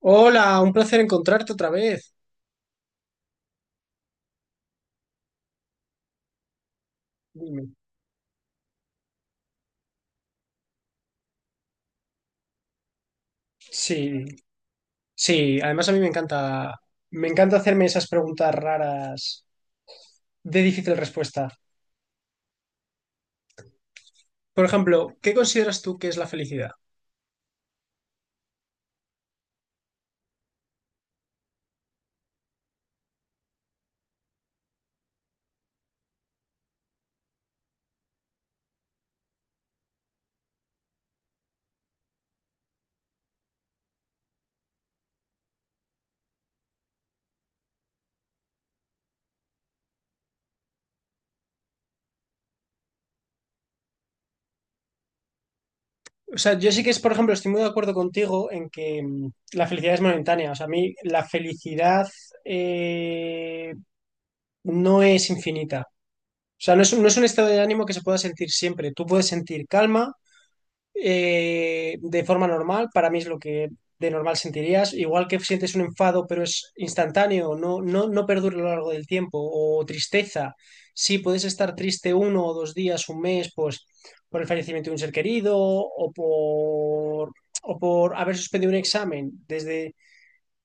Hola, un placer encontrarte otra vez. Dime. Sí, sí, además a mí me encanta hacerme esas preguntas raras de difícil respuesta. Por ejemplo, ¿qué consideras tú que es la felicidad? O sea, yo sí que es, por ejemplo, estoy muy de acuerdo contigo en que la felicidad es momentánea. O sea, a mí la felicidad eh, no es infinita. O sea, no es un estado de ánimo que se pueda sentir siempre. Tú puedes sentir calma, de forma normal, para mí es lo que de normal sentirías. Igual que sientes un enfado, pero es instantáneo, no, no, no perdura a lo largo del tiempo, o tristeza. Sí, puedes estar triste uno o dos días, un mes, pues por el fallecimiento de un ser querido o por haber suspendido un examen. Desde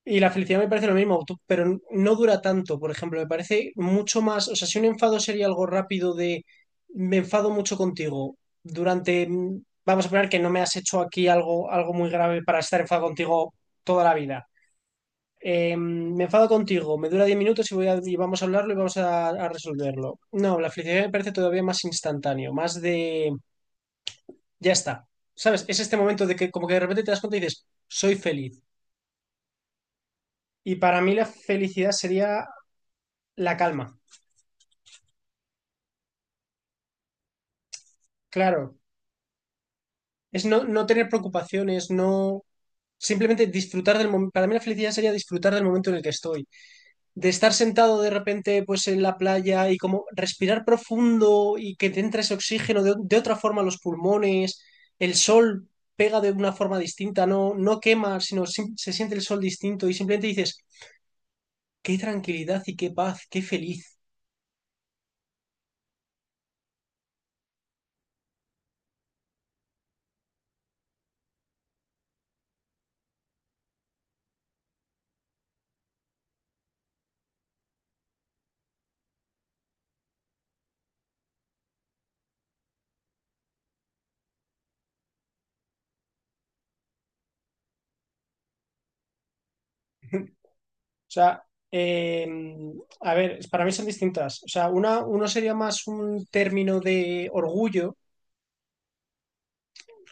y la felicidad me parece lo mismo, pero no dura tanto. Por ejemplo, me parece mucho más, o sea, si un enfado sería algo rápido de me enfado mucho contigo durante, vamos a poner que no me has hecho aquí algo, algo muy grave para estar enfadado contigo toda la vida. Me enfado contigo, me dura 10 minutos y, y vamos a hablarlo y vamos a resolverlo. No, la felicidad me parece todavía más instantáneo, más de, ya está. ¿Sabes? Es este momento de que como que de repente te das cuenta y dices, soy feliz. Y para mí la felicidad sería la calma. Claro, es no, no tener preocupaciones, no simplemente disfrutar del momento. Para mí la felicidad sería disfrutar del momento en el que estoy. De estar sentado de repente pues en la playa y como respirar profundo y que te entre ese oxígeno de otra forma a los pulmones, el sol pega de una forma distinta, no, no quema, sino se siente el sol distinto y simplemente dices, qué tranquilidad y qué paz, qué feliz. O sea, eh, a ver, para mí son distintas. O sea, una, uno sería más un término de orgullo,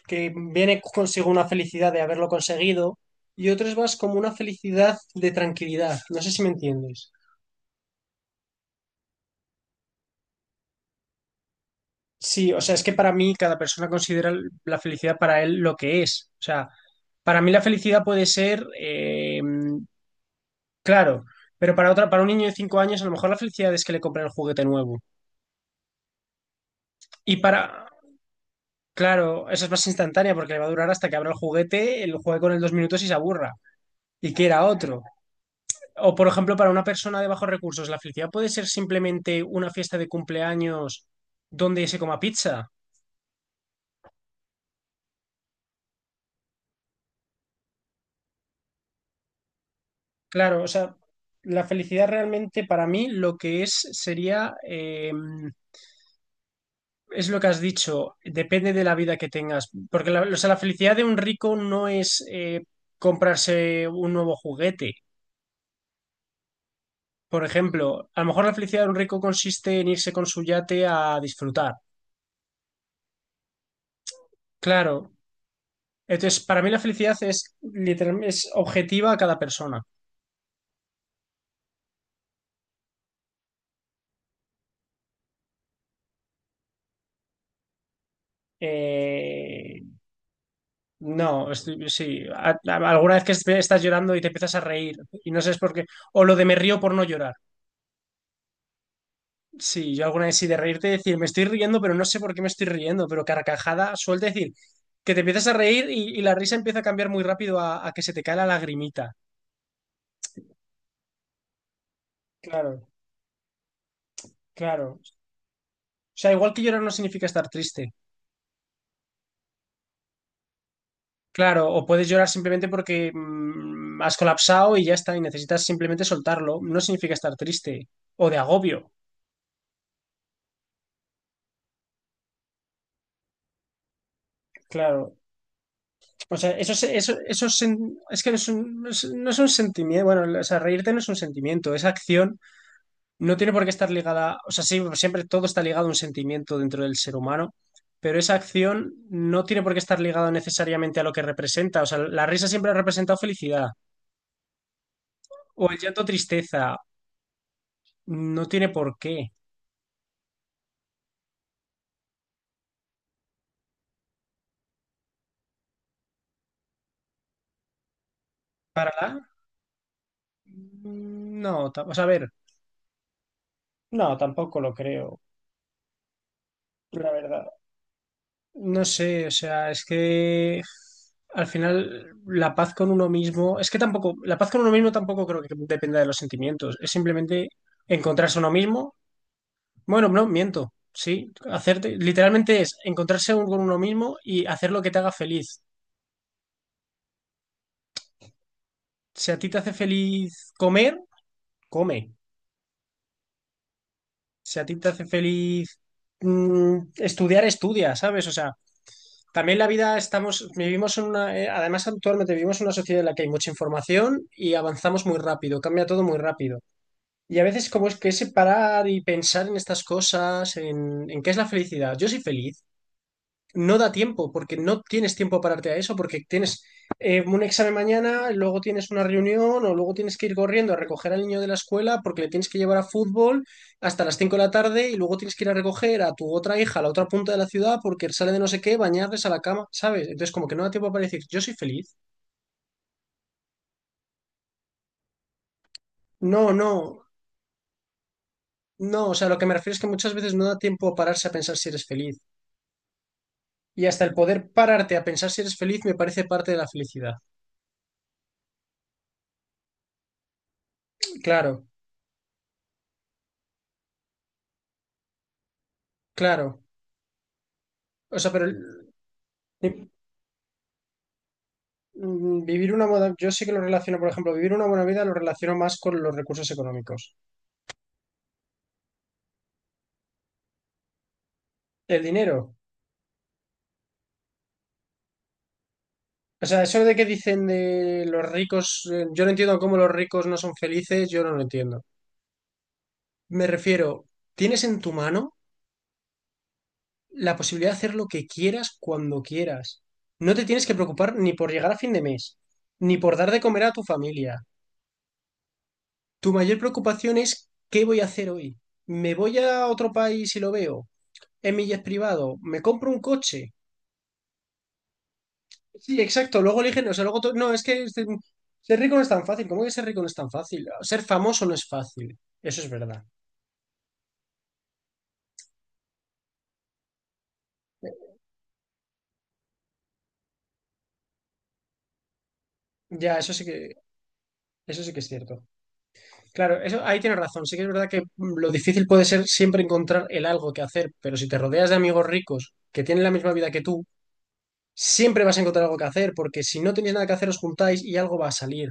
que viene consigo una felicidad de haberlo conseguido, y otro es más como una felicidad de tranquilidad. No sé si me entiendes. Sí, o sea, es que para mí cada persona considera la felicidad para él lo que es. O sea, para mí la felicidad puede ser, claro, pero para otra, para un niño de 5 años, a lo mejor la felicidad es que le compren el juguete nuevo. Y para, Claro, eso es más instantánea porque le va a durar hasta que abra el juguete, lo juegue con él 2 minutos y se aburra y quiera otro. O, por ejemplo, para una persona de bajos recursos, la felicidad puede ser simplemente una fiesta de cumpleaños donde se coma pizza. Claro, o sea, la felicidad realmente para mí lo que es sería, es lo que has dicho, depende de la vida que tengas. Porque la, o sea, la felicidad de un rico no es comprarse un nuevo juguete. Por ejemplo, a lo mejor la felicidad de un rico consiste en irse con su yate a disfrutar. Claro. Entonces, para mí la felicidad es, es objetiva a cada persona. Eh, no, sí. Alguna vez que estás llorando y te empiezas a reír y no sabes por qué. O lo de me río por no llorar. Sí, yo alguna vez sí de reírte decir, me estoy riendo, pero no sé por qué me estoy riendo, pero carcajada suelta decir que te empiezas a reír y la risa empieza a cambiar muy rápido a que se te cae la lagrimita. Claro, claro. O sea, igual que llorar no significa estar triste. Claro, o puedes llorar simplemente porque has colapsado y ya está, y necesitas simplemente soltarlo. No significa estar triste o de agobio. Claro. O sea, eso es es que no es un, no es un sentimiento. Bueno, o sea, reírte no es un sentimiento. Esa acción no tiene por qué estar ligada. O sea, sí, siempre todo está ligado a un sentimiento dentro del ser humano, pero esa acción no tiene por qué estar ligada necesariamente a lo que representa. O sea, la risa siempre ha representado felicidad. O el llanto, tristeza. No tiene por qué. ¿Para la? No o sea, a ver, no, tampoco lo creo, la verdad. No sé, o sea, es que al final la paz con uno mismo, es que tampoco, la paz con uno mismo tampoco creo que dependa de los sentimientos, es simplemente encontrarse uno mismo. Bueno, no, miento, sí, hacerte, literalmente es encontrarse con uno mismo y hacer lo que te haga feliz. Si a ti te hace feliz comer, come. Si a ti te hace feliz estudiar, estudia, ¿sabes? O sea, también la vida vivimos en una, además actualmente vivimos en una sociedad en la que hay mucha información y avanzamos muy rápido, cambia todo muy rápido. Y a veces como es que ese parar y pensar en estas cosas, en qué es la felicidad. Yo soy feliz no da tiempo, porque no tienes tiempo a pararte a eso, porque tienes un examen mañana, luego tienes una reunión o luego tienes que ir corriendo a recoger al niño de la escuela porque le tienes que llevar a fútbol hasta las 5 de la tarde y luego tienes que ir a recoger a tu otra hija a la otra punta de la ciudad porque sale de no sé qué, bañarles a la cama, ¿sabes? Entonces como que no da tiempo para decir, yo soy feliz. No, no, no, o sea, lo que me refiero es que muchas veces no da tiempo a pararse a pensar si eres feliz. Y hasta el poder pararte a pensar si eres feliz me parece parte de la felicidad. Claro, claro. O sea, pero vivir una buena, yo sí que lo relaciono, por ejemplo, vivir una buena vida lo relaciono más con los recursos económicos. El dinero. O sea, eso de que dicen de los ricos, yo no entiendo cómo los ricos no son felices, yo no lo entiendo. Me refiero, tienes en tu mano la posibilidad de hacer lo que quieras cuando quieras. No te tienes que preocupar ni por llegar a fin de mes, ni por dar de comer a tu familia. Tu mayor preocupación es ¿qué voy a hacer hoy? ¿Me voy a otro país y lo veo? ¿En mi jet privado? ¿Me compro un coche? Sí, exacto. Luego eligen, o sea, luego no, es que ser rico no es tan fácil. ¿Cómo que ser rico no es tan fácil? Ser famoso no es fácil. Eso es verdad. Ya, eso sí que es cierto. Claro, eso ahí tienes razón. Sí que es verdad que lo difícil puede ser siempre encontrar el algo que hacer, pero si te rodeas de amigos ricos que tienen la misma vida que tú, siempre vas a encontrar algo que hacer, porque si no tenéis nada que hacer, os juntáis y algo va a salir.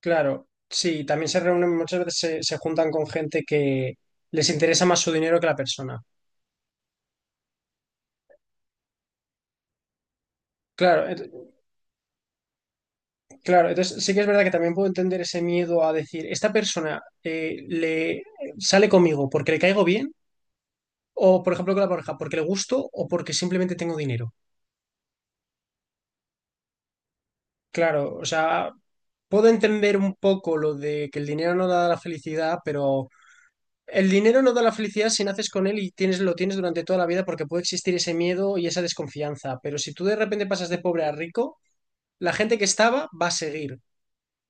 Claro, sí, también se reúnen, muchas veces se juntan con gente que les interesa más su dinero que la persona. Claro, claro, entonces sí que es verdad que también puedo entender ese miedo a decir, esta persona le sale conmigo porque le caigo bien, o por ejemplo con la pareja, porque le gusto o porque simplemente tengo dinero. Claro, o sea, puedo entender un poco lo de que el dinero no da la felicidad, pero el dinero no da la felicidad si naces con él y tienes, lo tienes durante toda la vida porque puede existir ese miedo y esa desconfianza. Pero si tú de repente pasas de pobre a rico, la gente que estaba va a seguir.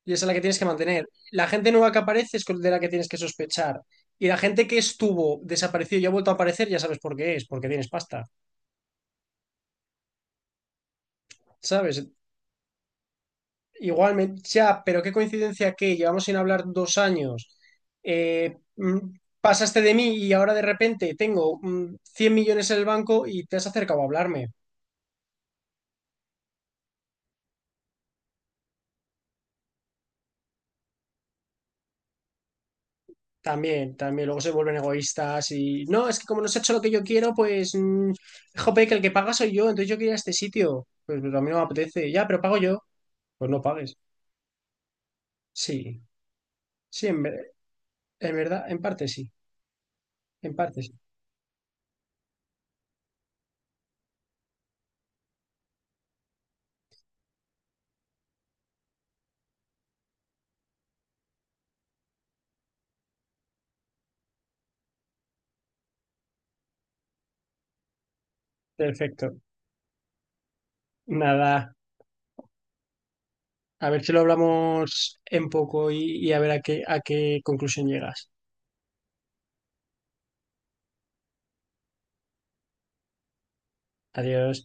Y esa es la que tienes que mantener. La gente nueva que aparece de la que tienes que sospechar. Y la gente que estuvo, desaparecido y ha vuelto a aparecer, ya sabes por qué es, porque tienes pasta, ¿sabes? Igualmente, ya, pero qué coincidencia que llevamos sin hablar 2 años, eh, mm, pasaste de mí y ahora de repente tengo 100 millones en el banco y te has acercado a hablarme. También, también, luego se vuelven egoístas y no, es que como no se ha hecho lo que yo quiero, pues, jope, que el que paga soy yo, entonces yo quería este sitio. Pues, pero a mí no me apetece, ya, pero pago yo. Pues no pagues. Sí, sí, en verdad, en parte sí, en parte sí. Perfecto. Nada, a ver si lo hablamos en poco y a ver a qué conclusión llegas. Adiós.